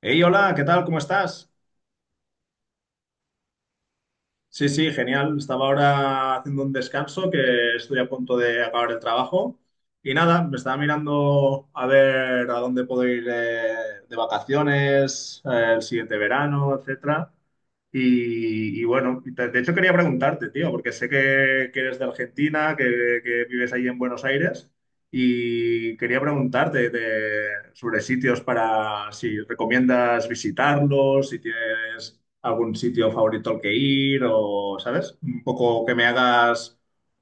Hey, hola, ¿qué tal? ¿Cómo estás? Sí, sí, genial. Estaba ahora haciendo un descanso que estoy a punto de acabar el trabajo. Y nada, me estaba mirando a ver a dónde puedo ir de vacaciones, el siguiente verano, etcétera. Y bueno, de hecho quería preguntarte, tío, porque sé que eres de Argentina, que vives ahí en Buenos Aires. Y quería preguntarte sobre sitios para si recomiendas visitarlos, si tienes algún sitio favorito al que ir o, ¿sabes? Un poco que me hagas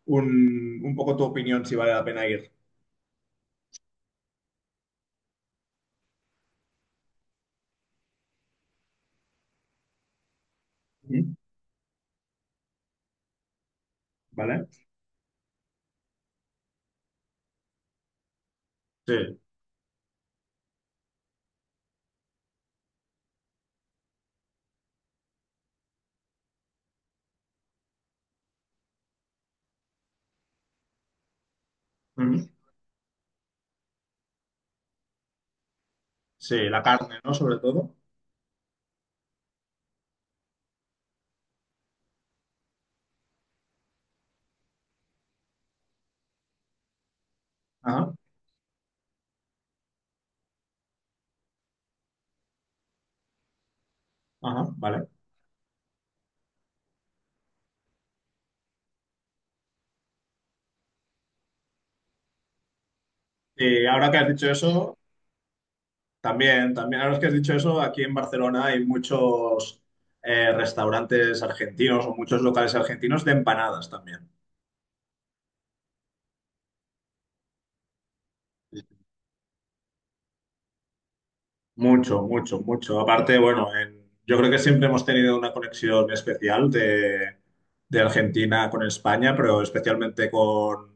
un poco tu opinión si vale la pena ir. Ujú. ¿Vale? Sí. Ujú. Sí, la carne, ¿no? Sobre todo. Ajá, ajá, vale. Ahora que has dicho eso, también, también, ahora que has dicho eso, aquí en Barcelona hay muchos restaurantes argentinos o muchos locales argentinos de empanadas también. Mucho, mucho, mucho. Aparte, bueno, yo creo que siempre hemos tenido una conexión especial de Argentina con España, pero especialmente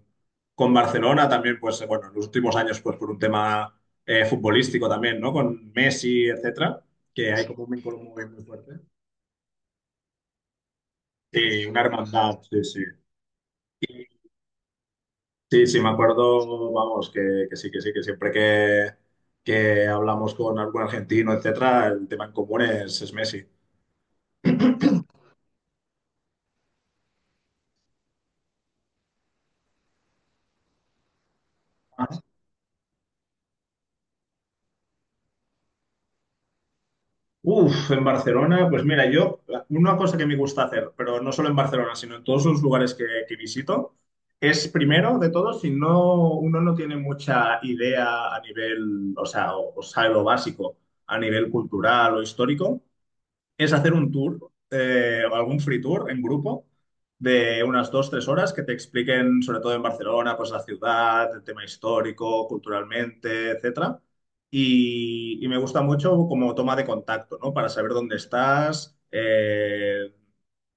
con Barcelona también, pues bueno, en los últimos años, pues por un tema futbolístico también, ¿no? Con Messi, etcétera, que hay como un vínculo muy, muy fuerte. Sí, una hermandad, sí, sí. Sí, sí, me acuerdo, vamos, que sí, que sí, que siempre que hablamos con algún argentino, etcétera, el tema en común es Messi. Uf, en Barcelona, pues mira, yo, una cosa que me gusta hacer, pero no solo en Barcelona, sino en todos los lugares que visito, es primero de todo, si no, uno no tiene mucha idea a nivel, o sea, o sabe lo básico a nivel cultural o histórico, es hacer un tour, algún free tour en grupo de unas dos, tres horas que te expliquen, sobre todo en Barcelona, pues la ciudad, el tema histórico, culturalmente, etcétera. Y me gusta mucho como toma de contacto, ¿no? Para saber dónde estás,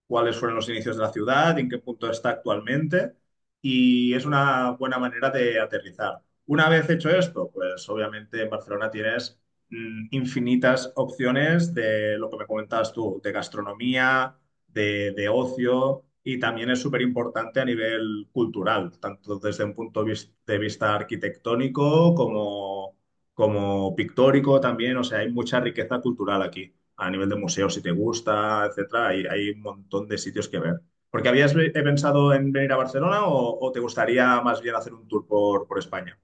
cuáles fueron los inicios de la ciudad, en qué punto está actualmente. Y es una buena manera de aterrizar. Una vez hecho esto, pues obviamente en Barcelona tienes infinitas opciones de lo que me comentabas tú, de gastronomía, de ocio, y también es súper importante a nivel cultural, tanto desde un de vista arquitectónico como, como pictórico también, o sea, hay mucha riqueza cultural aquí, a nivel de museos, si te gusta, etcétera, hay un montón de sitios que ver. Porque he pensado en venir a Barcelona o te gustaría más bien hacer un tour por España?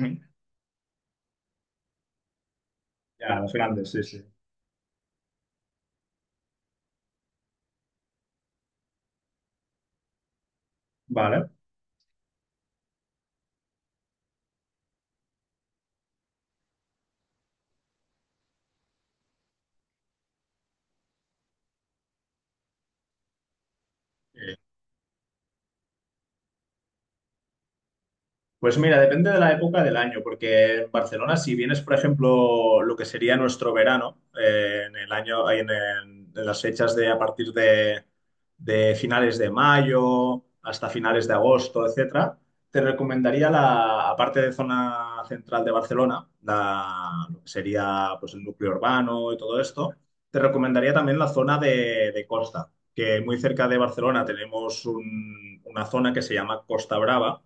Ujú. Ya, los grandes, sí, sí. Vale. Pues mira, depende de la época del año, porque en Barcelona, si vienes, por ejemplo, lo que sería nuestro verano, en el año, en las fechas de a partir de finales de mayo hasta finales de agosto, etcétera, te recomendaría la, aparte de zona central de Barcelona, la, lo que sería pues el núcleo urbano y todo esto, te recomendaría también la zona de costa, que muy cerca de Barcelona tenemos una zona que se llama Costa Brava,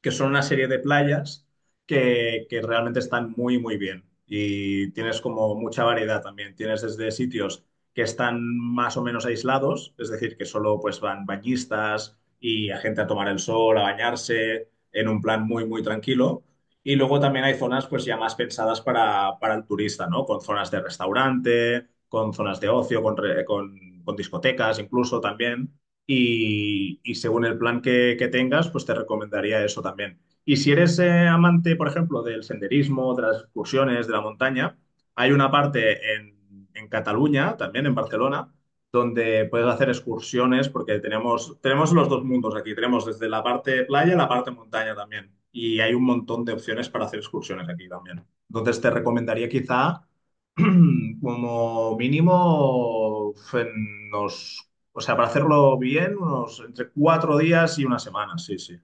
que son una serie de playas que realmente están muy, muy bien. Y tienes como mucha variedad también. Tienes desde sitios que están más o menos aislados, es decir, que solo pues van bañistas y a gente a tomar el sol, a bañarse, en un plan muy, muy tranquilo. Y luego también hay zonas pues ya más pensadas para el turista, ¿no? Con zonas de restaurante, con zonas de ocio, con discotecas incluso también y según el plan que tengas, pues te recomendaría eso también. Y si eres amante, por ejemplo, del senderismo, de las excursiones, de la montaña, hay una parte en Cataluña, también en Barcelona, donde puedes hacer excursiones porque tenemos, tenemos los dos mundos aquí. Tenemos desde la parte playa y la parte montaña también. Y hay un montón de opciones para hacer excursiones aquí también. Entonces te recomendaría quizá como mínimo en unos, o sea, para hacerlo bien, unos entre cuatro días y una semana, sí, sí.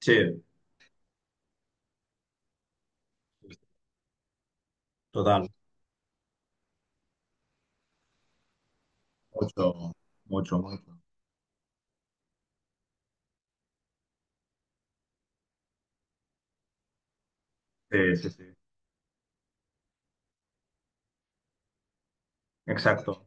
Sí, total. Mucho, mucho, mucho. Sí, sí, sí. Exacto.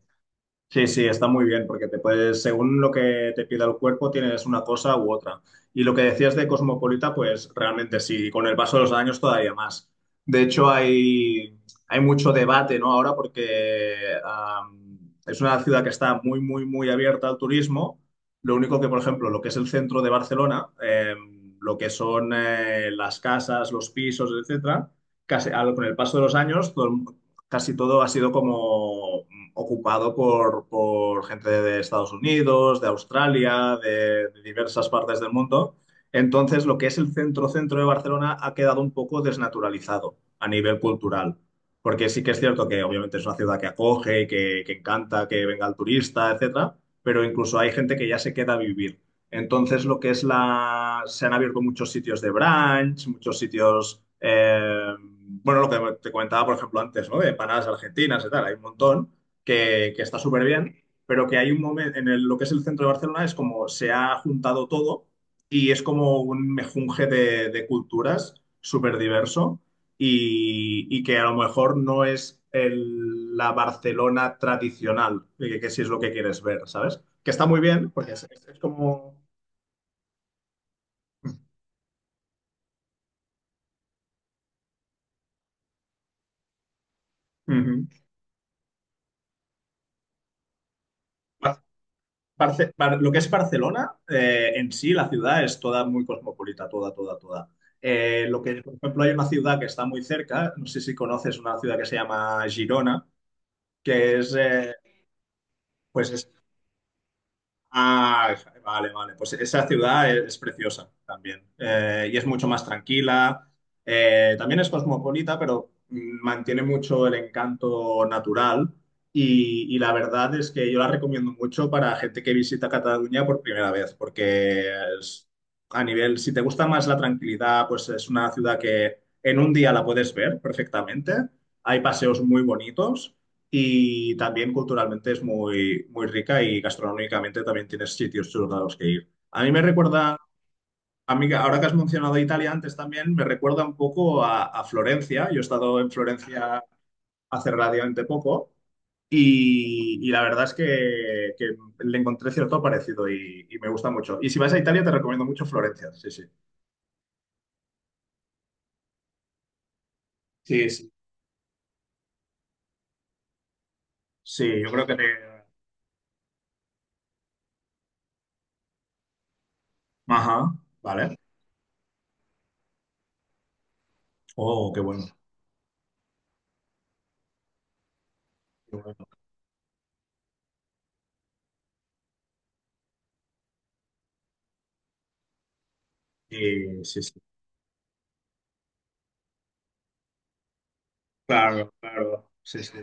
Sí, sí, está muy bien, porque te puedes, según lo que te pida el cuerpo, tienes una cosa u otra. Y lo que decías de cosmopolita, pues realmente sí, y con el paso de los años todavía más. De hecho, hay mucho debate, ¿no? Ahora, porque am, es una ciudad que está muy, muy, muy abierta al turismo. Lo único que, por ejemplo, lo que es el centro de Barcelona, lo que son las casas, los pisos, etcétera, con el paso de los años, casi todo ha sido como ocupado por, gente de Estados Unidos, de Australia, de diversas partes del mundo. Entonces, lo que es el centro-centro de Barcelona ha quedado un poco desnaturalizado a nivel cultural. Porque sí que es cierto que obviamente es una ciudad que acoge, que encanta que venga el turista, etcétera, pero incluso hay gente que ya se queda a vivir. Entonces, lo que es la. Se han abierto muchos sitios de brunch, muchos sitios. Bueno, lo que te comentaba, por ejemplo, antes, ¿no? De empanadas argentinas y tal, hay un montón que está súper bien, pero que hay un momento en lo que es el centro de Barcelona, es como se ha juntado todo y es como un mejunje de culturas súper diverso y que a lo mejor no es la Barcelona tradicional, que si es lo que quieres ver, ¿sabes? Que está muy bien, porque es, es como... Ujú. Lo que es Barcelona, en sí, la ciudad es toda muy cosmopolita, toda, toda, toda. Lo que, por ejemplo, hay una ciudad que está muy cerca, no sé si conoces una ciudad que se llama Girona, que es, pues es. Ah, vale, vale. Pues esa ciudad es preciosa también. Y es mucho más tranquila. También es cosmopolita, pero mantiene mucho el encanto natural. Y la verdad es que yo la recomiendo mucho para gente que visita Cataluña por primera vez, porque es- a nivel, si te gusta más la tranquilidad, pues es una ciudad que en un día la puedes ver perfectamente. Hay paseos muy bonitos y también culturalmente es muy, muy rica y gastronómicamente también tienes sitios chulos a los que ir. A mí me recuerda, a mí, ahora que has mencionado Italia antes también, me recuerda un poco a Florencia. Yo he estado en Florencia hace relativamente poco y la verdad es que le encontré cierto parecido y me gusta mucho. Y si vas a Italia te recomiendo mucho Florencia, sí, sí. Sí, sí. Sí, yo creo que te... Ajá, vale. Oh, qué bueno. Y- sí, sí. Claro, claro. Sí, sí.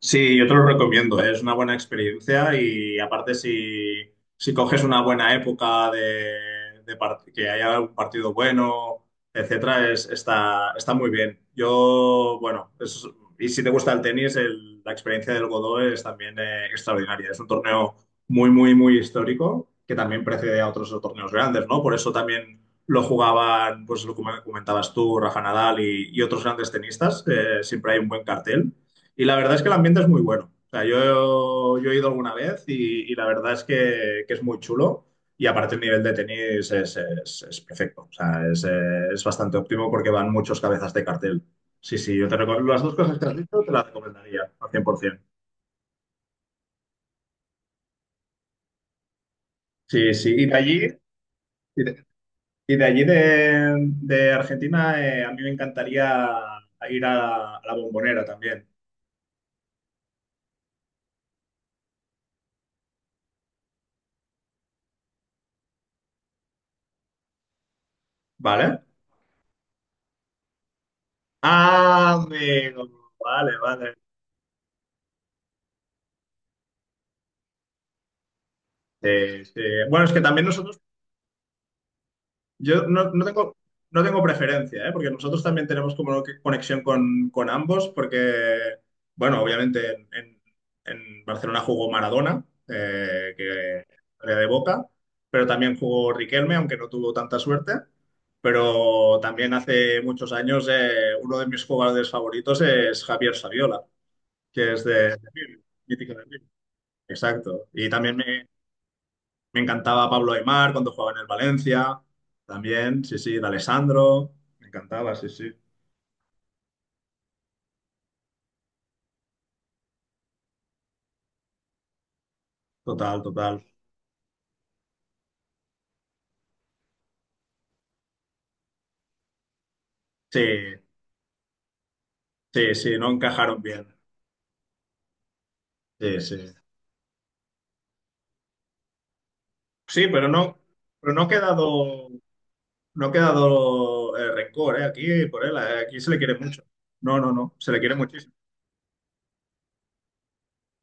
Sí, yo te lo recomiendo, ¿eh? Es una buena experiencia y aparte si, si coges una buena época de, que haya un partido bueno, etcétera, es, está, está muy bien. Yo, bueno, y si te gusta el tenis, la experiencia del Godó es también extraordinaria. Es un torneo muy, muy, muy histórico que también precede a otros torneos grandes, ¿no? Por eso también lo jugaban, pues lo que comentabas tú, Rafa Nadal y otros grandes tenistas. Siempre hay un buen cartel. Y la verdad es que el ambiente es muy bueno. O sea, yo he ido alguna vez y la verdad es que es muy chulo. Y aparte el nivel de tenis es, es perfecto. O sea, es bastante óptimo porque van muchos cabezas de cartel. Sí, sí, yo te recomiendo las dos cosas que has dicho, te las recomendaría al 100%. Sí, sí, y de, y de allí de Argentina, a mí me encantaría ir a la Bombonera también, ¿vale? Ah, amigo, vale, vale. Sí, sí. Bueno, es que también nosotros. Yo no, no tengo, no tengo preferencia, ¿eh? Porque nosotros también tenemos como que conexión con ambos, porque, bueno, obviamente en, en Barcelona jugó Maradona, que era de Boca, pero también jugó Riquelme, aunque no tuvo tanta suerte. Pero también hace muchos años uno de mis jugadores favoritos es Javier Saviola, que es de Bilbao, mítico de Bilbao. Exacto. Y también me encantaba Pablo Aimar cuando jugaba en el Valencia, también, sí, sí, de Alessandro, me encantaba, sí, sí, total, total. Sí, sí, sí, no encajaron bien. Sí, sí. Sí, pero no, pero no ha quedado, no ha quedado rencor, aquí por él, aquí se le quiere mucho. No, no, no, se le quiere muchísimo.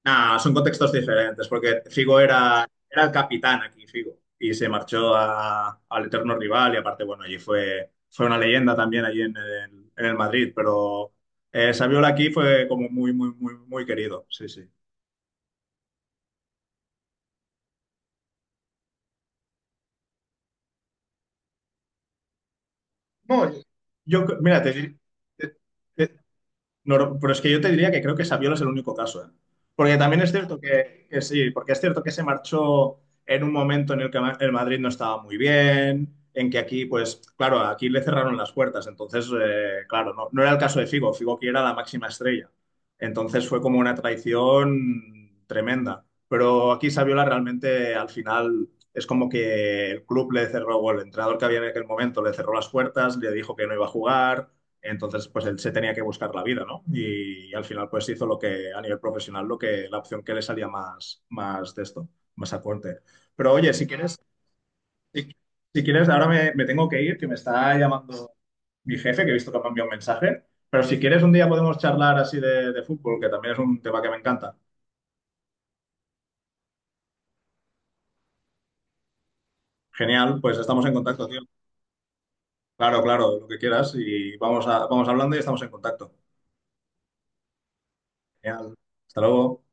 Nah, son contextos diferentes, porque Figo era, era el capitán aquí, Figo, y se marchó al eterno rival, y aparte, bueno, allí fue, fue una leyenda también allí en el Madrid, pero Saviola aquí fue como muy, muy, muy, muy querido, sí, sí. No, Yo, cre- mira, te, dir- te, No, no, pero es que yo te diría que creo que Saviola es el único caso, ¿eh? Porque también es cierto que sí, porque es cierto que se marchó en un momento en el que el Madrid no estaba muy bien, en que aquí, pues, claro, aquí le cerraron las puertas, entonces, claro, no, no era el caso de Figo, Figo que era la máxima estrella. Entonces fue como una traición tremenda. Pero aquí Saviola realmente al final es como que el club le cerró, o el entrenador que había en aquel momento le cerró las puertas, le dijo que no iba a jugar. Entonces, pues él se tenía que buscar la vida, ¿no? Y, al final, pues hizo lo que a nivel profesional, lo que la opción que le salía más, más de esto, más acorde. Pero oye, si quieres, si, si quieres, ahora me, me tengo que ir, que me está llamando mi jefe, que he visto que me ha enviado un mensaje. Pero si quieres, un día podemos charlar así de fútbol, que también es un tema que me encanta. Genial, pues estamos en contacto, tío. Claro, claro, lo que quieras y vamos a, vamos hablando y estamos en contacto. Genial. Hasta luego.